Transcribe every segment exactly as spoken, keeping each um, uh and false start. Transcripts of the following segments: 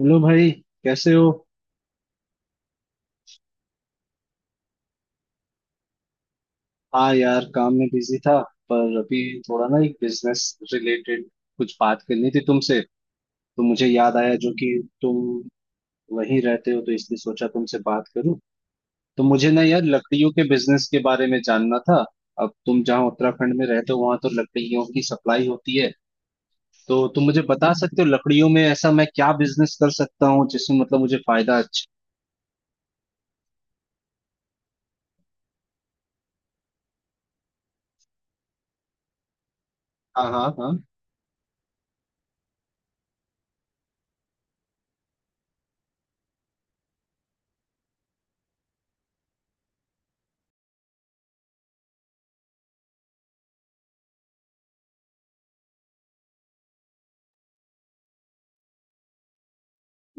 Hello भाई। कैसे हो? हाँ यार, काम में बिजी था। पर अभी थोड़ा ना एक बिजनेस रिलेटेड कुछ बात करनी थी तुमसे। तो मुझे याद आया जो कि तुम वहीं रहते हो, तो इसलिए सोचा तुमसे बात करूं। तो मुझे ना यार लकड़ियों के बिजनेस के बारे में जानना था। अब तुम जहाँ उत्तराखंड में रहते हो वहां तो लकड़ियों की सप्लाई होती है। तो तुम मुझे बता सकते हो लकड़ियों में ऐसा मैं क्या बिजनेस कर सकता हूँ जिसमें मतलब मुझे फायदा। अच्छा। हाँ हाँ हाँ।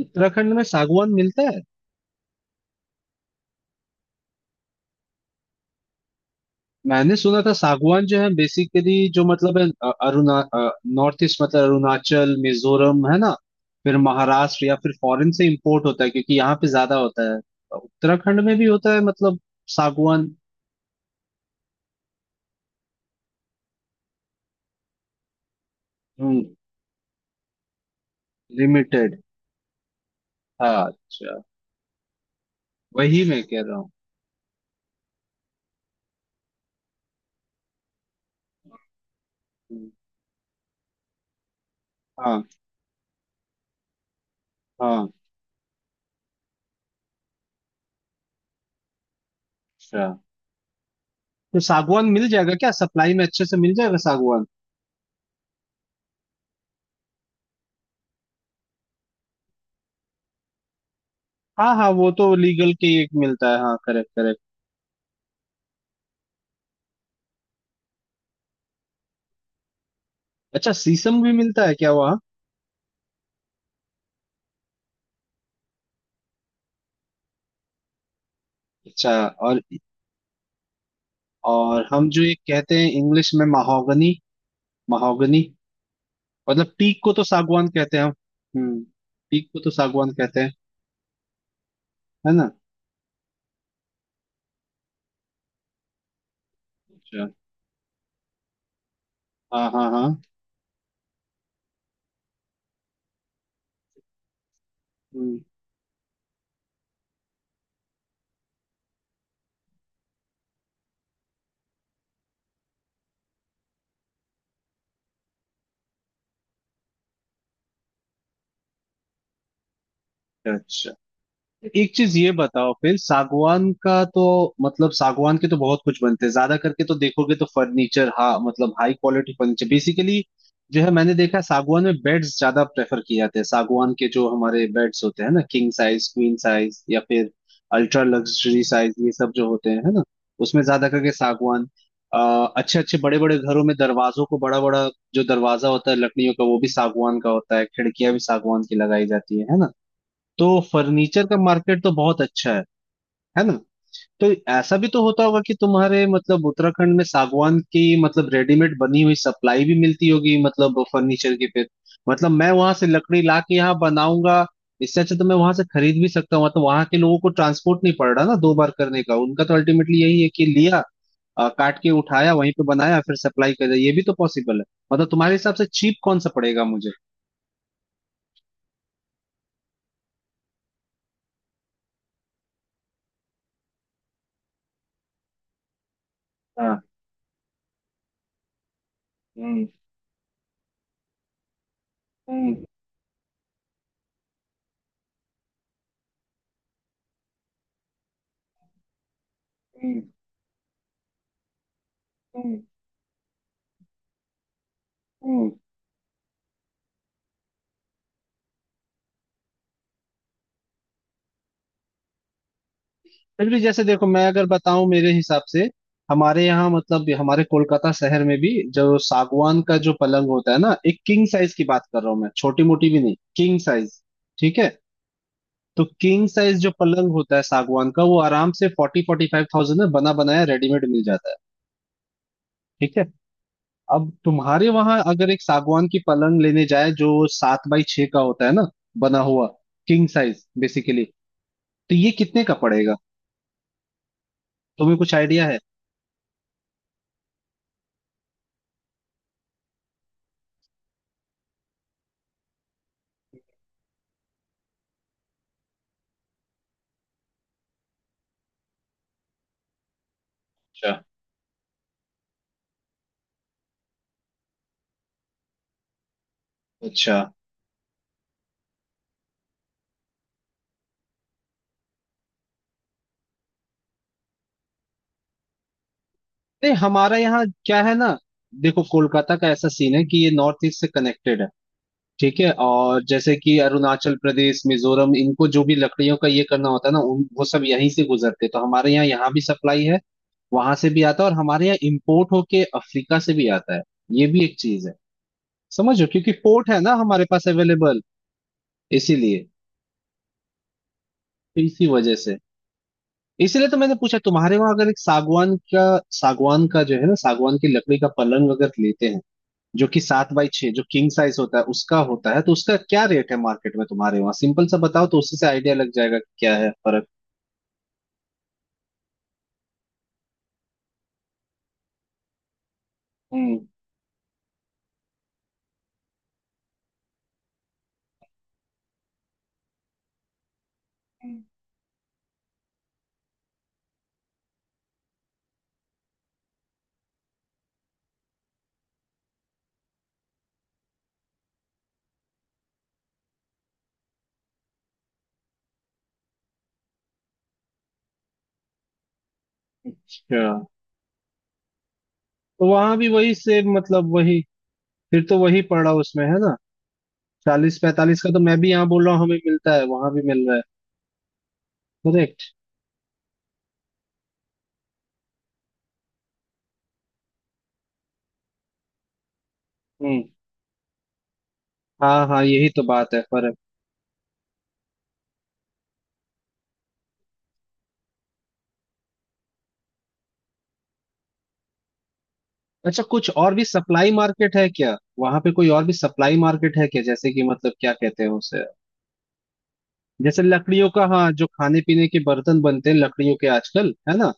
उत्तराखंड में सागवान मिलता है? मैंने सुना था सागवान जो है बेसिकली जो मतलब है अ- अरुणा नॉर्थ ईस्ट, मतलब अरुणाचल मिजोरम, है ना? फिर महाराष्ट्र या फिर फॉरेन से इंपोर्ट होता है क्योंकि यहाँ पे ज्यादा होता है। उत्तराखंड में भी होता है मतलब सागवान? लिमिटेड? हाँ अच्छा। वही मैं कह रहा हूँ। हम्म। हाँ हाँ। अच्छा तो सागवान मिल जाएगा क्या, सप्लाई में अच्छे से मिल जाएगा सागवान? हाँ हाँ वो तो लीगल के एक मिलता है, हाँ, करेक्ट करेक्ट। अच्छा, शीशम भी मिलता है क्या वहाँ? अच्छा। और और हम जो ये कहते हैं इंग्लिश में महोगनी। महोगनी मतलब पीक को तो सागवान कहते हैं हम। हम्म। पीक को तो सागवान कहते हैं, है ना? अच्छा। हाँ हाँ हाँ। हम्म। अच्छा एक चीज ये बताओ फिर, सागवान का तो मतलब सागवान के तो बहुत कुछ बनते हैं, ज्यादा करके तो देखोगे तो फर्नीचर, हाँ मतलब हाई क्वालिटी फर्नीचर बेसिकली जो है, मैंने देखा है, सागवान में बेड्स ज्यादा प्रेफर किए जाते हैं, सागवान के जो हमारे बेड्स होते हैं ना, किंग साइज, क्वीन साइज, या फिर अल्ट्रा लग्जरी साइज, ये सब जो होते हैं, है ना? उसमें ज्यादा करके सागवान। आ, अच्छे अच्छे बड़े बड़े घरों में दरवाजों को बड़ा बड़ा, जो दरवाजा होता है लकड़ियों का वो भी सागवान का होता है, खिड़कियां भी सागवान की लगाई जाती है है ना? तो फर्नीचर का मार्केट तो बहुत अच्छा है है ना? तो ऐसा भी तो होता होगा कि तुम्हारे मतलब उत्तराखंड में सागवान की मतलब रेडीमेड बनी हुई सप्लाई भी मिलती होगी, मतलब फर्नीचर की फिर। मतलब मैं वहां से लकड़ी ला के यहाँ बनाऊंगा, इससे अच्छा तो मैं वहां से खरीद भी सकता हूँ। तो वहां के लोगों को ट्रांसपोर्ट नहीं पड़ रहा ना दो बार करने का, उनका तो अल्टीमेटली यही है कि लिया, अ, काट के उठाया, वहीं पे बनाया, फिर सप्लाई कर दिया। ये भी तो पॉसिबल है। मतलब तुम्हारे हिसाब से चीप कौन सा पड़ेगा मुझे? हाँ। हम्म। हम्म। हम्म। हम्म। हम्म। फिर भी जैसे देखो मैं अगर बताऊं मेरे हिसाब से हमारे यहाँ मतलब हमारे कोलकाता शहर में भी जो सागवान का जो पलंग होता है ना, एक किंग साइज की बात कर रहा हूँ मैं, छोटी मोटी भी नहीं, किंग साइज। ठीक है। तो किंग साइज जो पलंग होता है सागवान का, वो आराम से फोर्टी फोर्टी फाइव थाउजेंड में बना बनाया रेडीमेड मिल जाता है। ठीक है। अब तुम्हारे वहां अगर एक सागवान की पलंग लेने जाए, जो सात बाई छह का होता है ना, बना हुआ किंग साइज बेसिकली, तो ये कितने का पड़ेगा? तुम्हें कुछ आइडिया है? अच्छा अच्छा। नहीं हमारा यहाँ क्या है ना, देखो कोलकाता का ऐसा सीन है कि ये नॉर्थ ईस्ट से कनेक्टेड है, ठीक है, और जैसे कि अरुणाचल प्रदेश मिजोरम इनको जो भी लकड़ियों का ये करना होता है ना उन वो सब यहीं से गुजरते हैं। तो हमारे यहाँ यहाँ भी सप्लाई है, वहां से भी आता है, और हमारे यहाँ इम्पोर्ट होके अफ्रीका से भी आता है, ये भी एक चीज है समझो, क्योंकि पोर्ट है ना हमारे पास अवेलेबल, इसीलिए। तो इसी वजह से, इसीलिए तो मैंने पूछा तुम्हारे वहां अगर एक सागवान का, सागवान का जो है ना, सागवान की लकड़ी का पलंग अगर लेते हैं जो कि सात बाई छह जो किंग साइज होता है उसका होता है, तो उसका क्या रेट है मार्केट में तुम्हारे वहाँ, सिंपल सा बताओ, तो उसी से आइडिया लग जाएगा कि क्या है फर्क। हम्म। हम्म। अच्छा तो वहां भी वही सेम, मतलब वही, फिर तो वही पड़ रहा उसमें, है ना? चालीस पैंतालीस का तो मैं भी यहाँ बोल रहा हूँ, हमें मिलता है, वहां भी मिल रहा है। करेक्ट। हम्म। हाँ हाँ यही तो बात है फर्क। अच्छा कुछ और भी सप्लाई मार्केट है क्या वहां पे, कोई और भी सप्लाई मार्केट है क्या, जैसे कि मतलब क्या कहते हैं उसे, जैसे लकड़ियों का, हाँ, जो खाने पीने के बर्तन बनते हैं लकड़ियों के आजकल, है ना?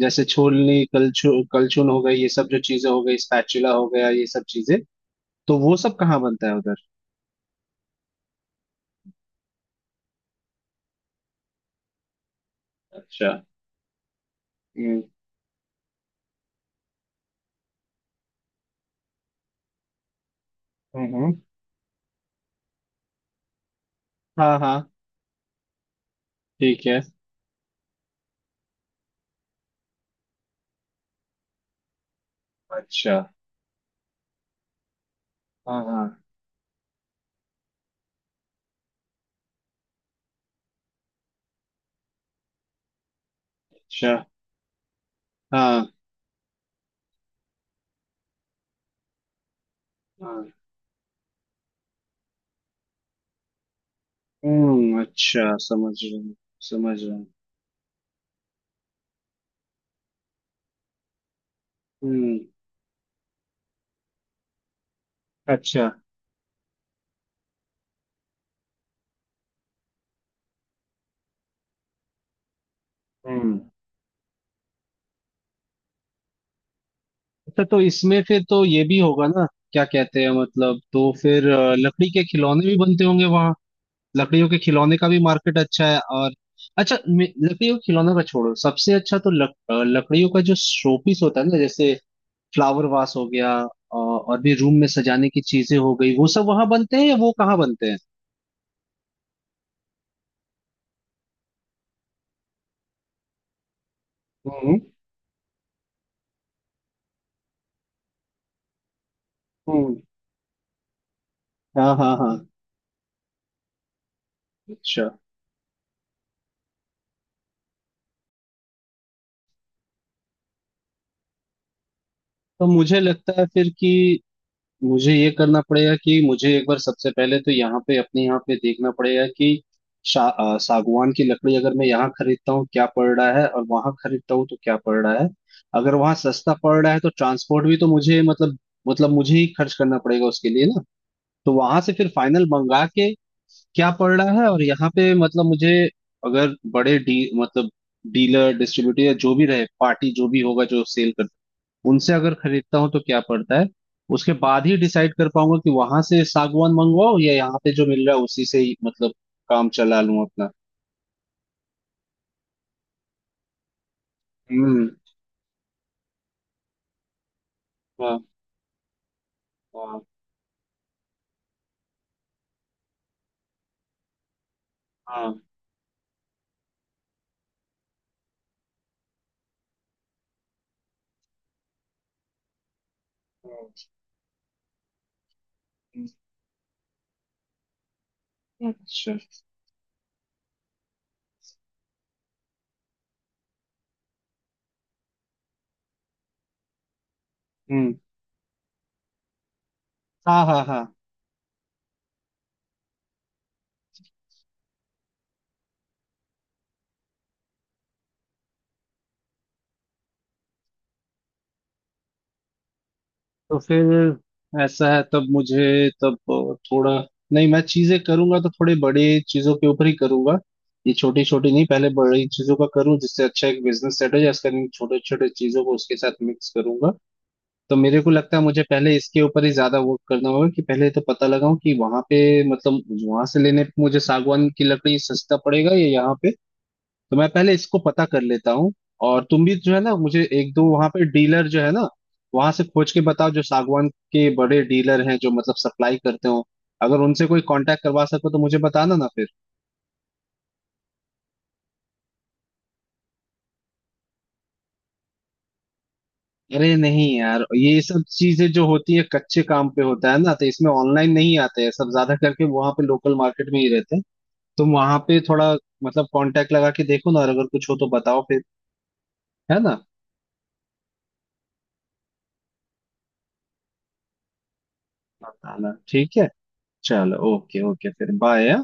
जैसे छोलनी, कलछू, कलछुल हो गई, ये सब जो चीजें हो गई, स्पैचुला हो गया, ये सब चीजें, तो वो सब कहाँ बनता है उधर? अच्छा। हम्म। हम्म। हम्म। हाँ हाँ। ठीक है। अच्छा। हाँ हाँ। अच्छा। हाँ हाँ। हम्म। अच्छा समझ रहा हूँ। समझ रहा हूँ। हम्म। अच्छा। हम्म। अच्छा तो इसमें फिर तो ये भी होगा ना, क्या कहते हैं मतलब, तो फिर अ, लकड़ी के खिलौने भी बनते होंगे। लकड़ियों के खिलौने का भी मार्केट अच्छा है और अच्छा, मे- लकड़ियों के खिलौनों का छोड़ो, सबसे अच्छा तो लक, अ, लकड़ियों का जो शोपीस होता है ना, जैसे फ्लावर वास हो गया, अ, और भी रूम में सजाने की चीजें हो गई, वो सब वहां बनते हैं या वो कहाँ बनते हैं? हम्म। हम्म। हाँ हाँ हाँ। अच्छा तो मुझे लगता है फिर कि मुझे ये करना पड़ेगा कि मुझे एक बार सबसे पहले तो यहाँ पे अपने यहाँ पे देखना पड़ेगा कि शा, अ, सागवान की लकड़ी अगर मैं यहाँ खरीदता हूँ क्या पड़ रहा है और वहां खरीदता हूँ तो क्या पड़ रहा है, अगर वहां सस्ता पड़ रहा है तो ट्रांसपोर्ट भी तो मुझे मतलब, मतलब मुझे ही खर्च करना पड़ेगा उसके लिए ना, तो वहां से फिर फाइनल मंगा के क्या पड़ रहा है, और यहाँ पे मतलब मुझे अगर बड़े डी मतलब डीलर डिस्ट्रीब्यूटर या जो भी रहे पार्टी जो भी होगा जो सेल, उनसे अगर खरीदता हूँ तो क्या पड़ता है, उसके बाद ही डिसाइड कर पाऊंगा कि वहां से सागवान मंगवाओ या यहाँ पे जो मिल रहा है उसी से ही मतलब काम चला लूं अपना। हम्म। हाँ हाँ हाँ। हम्म। अच्छा। हम्म। हाँ हाँ हाँ। तो फिर ऐसा है, तब मुझे तब थोड़ा, नहीं मैं चीजें करूंगा तो थोड़े बड़े चीजों के ऊपर ही करूंगा, ये छोटी छोटी नहीं, पहले बड़ी चीजों का करूं जिससे अच्छा एक बिजनेस सेट हो जाए इसका, नहीं छोटे छोटे चीजों को उसके साथ मिक्स करूंगा। तो मेरे को लगता है मुझे पहले इसके ऊपर ही ज्यादा वर्क करना होगा, कि पहले तो पता लगाऊं कि वहां पे मतलब वहां से लेने पे मुझे सागवान की लकड़ी सस्ता पड़ेगा या यहाँ पे। तो मैं पहले इसको पता कर लेता हूँ। और तुम भी जो है ना, मुझे एक दो वहां पे डीलर जो है ना वहां से खोज के बताओ जो सागवान के बड़े डीलर हैं जो मतलब सप्लाई करते हो, अगर उनसे कोई कांटेक्ट करवा सको तो मुझे बताना ना फिर। अरे नहीं यार, ये सब चीजें जो होती है कच्चे काम पे होता है ना, तो इसमें ऑनलाइन नहीं आते हैं, सब ज्यादा करके वहां पे लोकल मार्केट में ही रहते हैं। तुम वहां पे थोड़ा मतलब कांटेक्ट लगा के देखो ना, और अगर कुछ हो तो बताओ फिर, है ना? बताना। ठीक है। चलो ओके ओके फिर बाय।